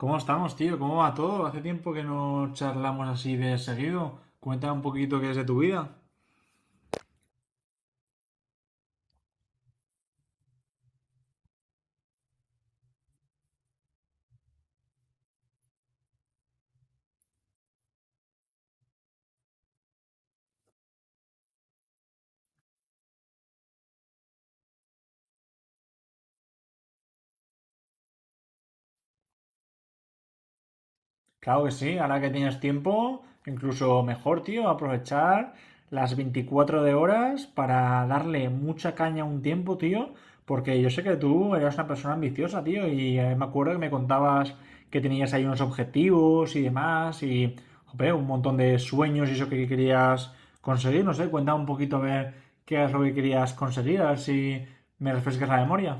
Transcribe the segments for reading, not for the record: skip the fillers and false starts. ¿Cómo estamos, tío? ¿Cómo va todo? Hace tiempo que no charlamos así de seguido. Cuéntame un poquito qué es de tu vida. Claro que sí, ahora que tienes tiempo, incluso mejor, tío, aprovechar las 24 de horas para darle mucha caña a un tiempo, tío, porque yo sé que tú eras una persona ambiciosa, tío, y me acuerdo que me contabas que tenías ahí unos objetivos y demás, y jope, un montón de sueños y eso que querías conseguir, no sé, cuenta un poquito a ver qué es lo que querías conseguir, a ver si me refrescas la memoria.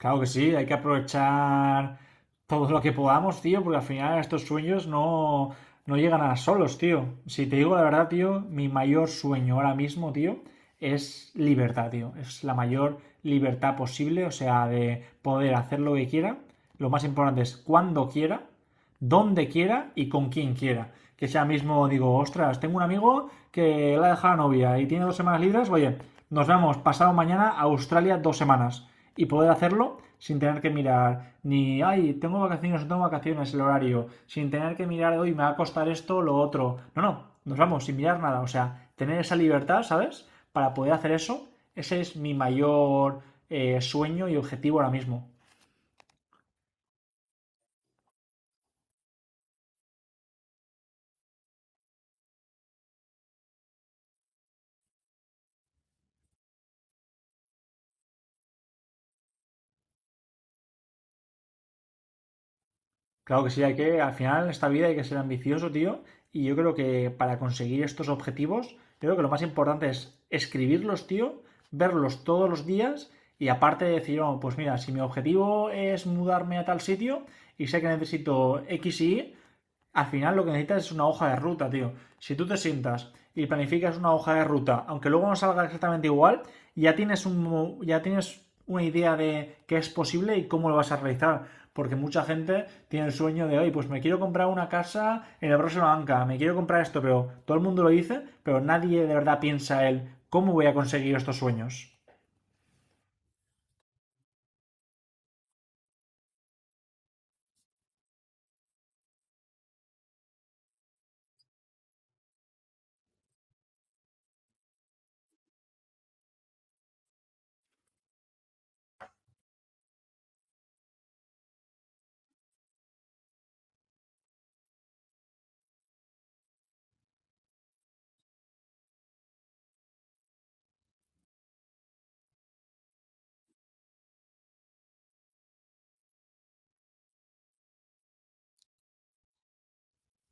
Claro que sí, hay que aprovechar todo lo que podamos, tío, porque al final estos sueños no llegan a solos, tío. Si te digo la verdad, tío, mi mayor sueño ahora mismo, tío, es libertad, tío. Es la mayor libertad posible, o sea, de poder hacer lo que quiera. Lo más importante es cuando quiera donde quiera y con quien quiera. Que sea mismo, digo, ostras, tengo un amigo que la ha dejado la novia y tiene 2 semanas libres, oye, nos vamos pasado mañana a Australia 2 semanas y poder hacerlo sin tener que mirar ni, ay, tengo vacaciones, no tengo vacaciones, el horario, sin tener que mirar, hoy me va a costar esto, lo otro. No, no, nos vamos sin mirar nada, o sea, tener esa libertad, ¿sabes? Para poder hacer eso, ese es mi mayor sueño y objetivo ahora mismo. Claro que sí, al final en esta vida hay que ser ambicioso, tío, y yo creo que para conseguir estos objetivos, creo que lo más importante es escribirlos, tío, verlos todos los días y aparte decir, "Oh, pues mira, si mi objetivo es mudarme a tal sitio y sé que necesito X y Y, al final lo que necesitas es una hoja de ruta, tío. Si tú te sientas y planificas una hoja de ruta, aunque luego no salga exactamente igual, ya tienes una idea de qué es posible y cómo lo vas a realizar. Porque mucha gente tiene el sueño de, oye, pues me quiero comprar una casa en el próximo banca, me quiero comprar esto, pero todo el mundo lo dice, pero nadie de verdad piensa él, ¿cómo voy a conseguir estos sueños?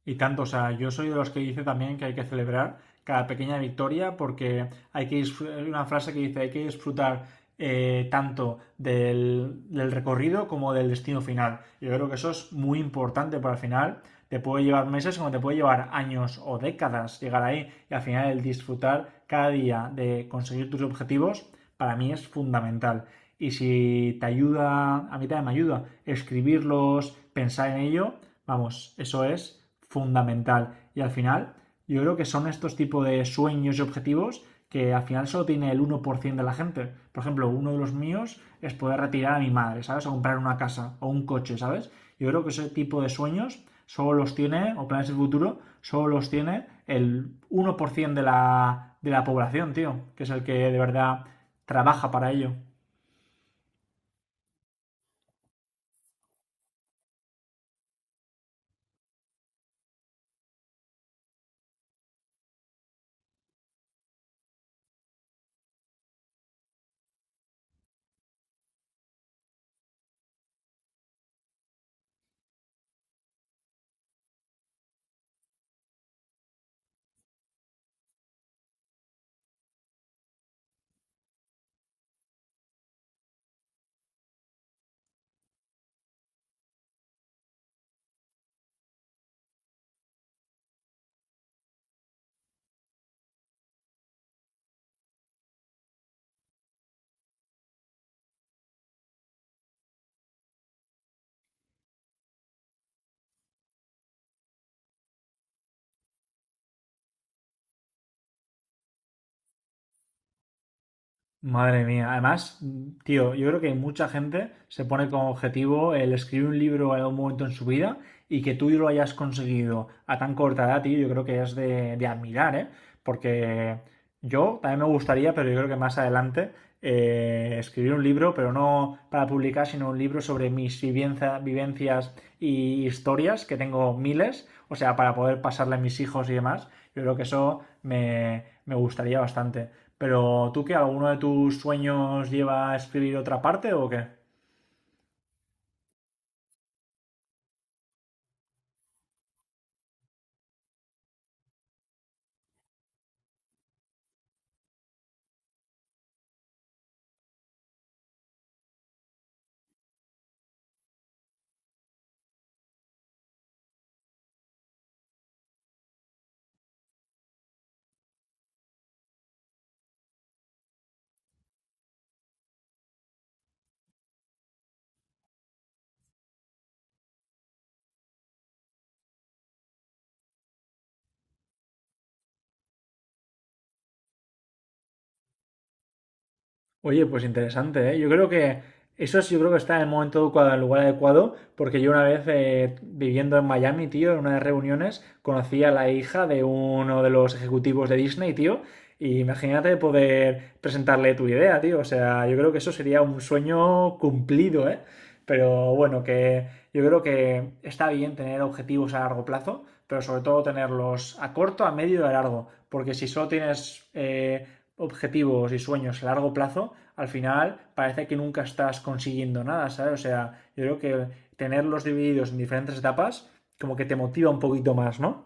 Y tanto, o sea, yo soy de los que dice también que hay que celebrar cada pequeña victoria porque hay que hay una frase que dice hay que disfrutar tanto del recorrido como del destino final. Yo creo que eso es muy importante para el final. Te puede llevar meses como te puede llevar años o décadas llegar ahí y al final el disfrutar cada día de conseguir tus objetivos para mí es fundamental. Y si te ayuda, a mí también me ayuda, escribirlos, pensar en ello, vamos, eso es fundamental. Y al final, yo creo que son estos tipos de sueños y objetivos que al final solo tiene el 1% de la gente. Por ejemplo, uno de los míos es poder retirar a mi madre, ¿sabes? O comprar una casa o un coche, ¿sabes? Yo creo que ese tipo de sueños solo los tiene, o planes de futuro, solo los tiene el 1% de la población, tío, que es el que de verdad trabaja para ello. Madre mía, además, tío, yo creo que mucha gente se pone como objetivo el escribir un libro en algún momento en su vida y que tú lo hayas conseguido a tan corta edad, tío, yo creo que es de admirar, ¿eh? Porque yo también me gustaría, pero yo creo que más adelante, escribir un libro, pero no para publicar, sino un libro sobre mis vivencias y historias, que tengo miles, o sea, para poder pasarle a mis hijos y demás, yo creo que eso me gustaría bastante. Pero tú qué, ¿alguno de tus sueños lleva a escribir otra parte o qué? Oye, pues interesante, ¿eh? Yo creo que eso sí, yo creo que está en el momento adecuado, en el lugar adecuado, porque yo una vez viviendo en Miami, tío, en una de las reuniones, conocí a la hija de uno de los ejecutivos de Disney, tío, y imagínate poder presentarle tu idea, tío. O sea, yo creo que eso sería un sueño cumplido, ¿eh? Pero bueno, que yo creo que está bien tener objetivos a largo plazo, pero sobre todo tenerlos a corto, a medio y a largo, porque si solo tienes objetivos y sueños a largo plazo, al final parece que nunca estás consiguiendo nada, ¿sabes? O sea, yo creo que tenerlos divididos en diferentes etapas como que te motiva un poquito más, ¿no?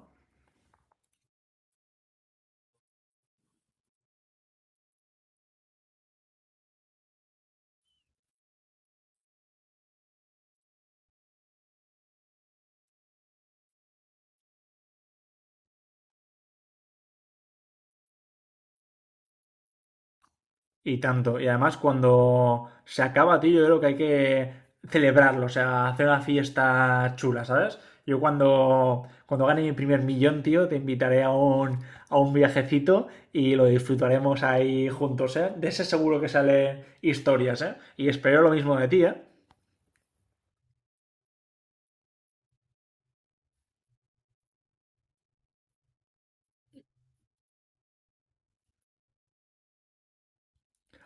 Y tanto. Y además cuando se acaba, tío, yo creo que hay que celebrarlo, o sea, hacer una fiesta chula, ¿sabes? Yo cuando gane mi primer millón, tío, te invitaré a un viajecito y lo disfrutaremos ahí juntos, ¿eh? De ese seguro que sale historias, ¿eh? Y espero lo mismo de ti, ¿eh?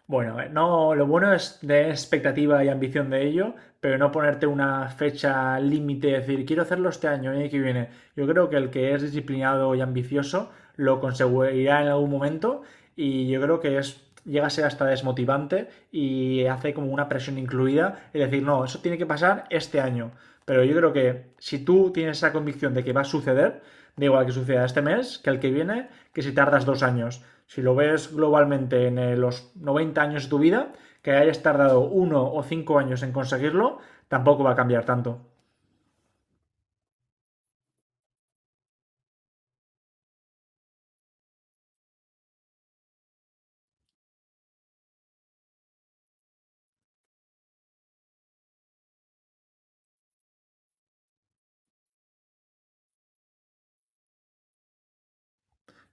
Bueno, no, lo bueno es tener expectativa y ambición de ello, pero no ponerte una fecha límite, decir, quiero hacerlo este año, el año que viene. Yo creo que el que es disciplinado y ambicioso lo conseguirá en algún momento y yo creo que es llega a ser hasta desmotivante y hace como una presión incluida, es decir, no, eso tiene que pasar este año. Pero yo creo que si tú tienes esa convicción de que va a suceder, da igual que suceda este mes, que el que viene, que si tardas 2 años. Si lo ves globalmente en los 90 años de tu vida, que hayas tardado 1 o 5 años en conseguirlo, tampoco va a cambiar tanto.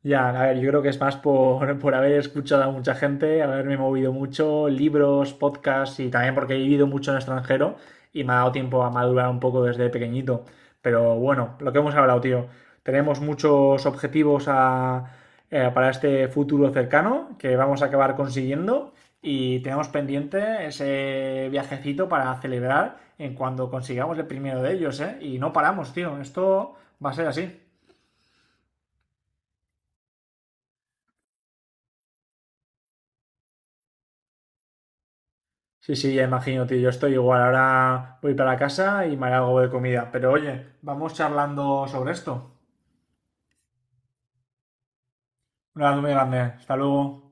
Ya, a ver, yo creo que es más por, por haber escuchado a mucha gente, haberme movido mucho, libros, podcasts y también porque he vivido mucho en el extranjero y me ha dado tiempo a madurar un poco desde pequeñito. Pero bueno, lo que hemos hablado, tío, tenemos muchos objetivos para este futuro cercano que vamos a acabar consiguiendo y tenemos pendiente ese viajecito para celebrar en cuando consigamos el primero de ellos, ¿eh? Y no paramos, tío, esto va a ser así. Sí, sí, ya imagino, tío. Yo estoy igual. Ahora voy para casa y me haré algo de comida. Pero oye, vamos charlando sobre esto. Un abrazo muy grande. Hasta luego.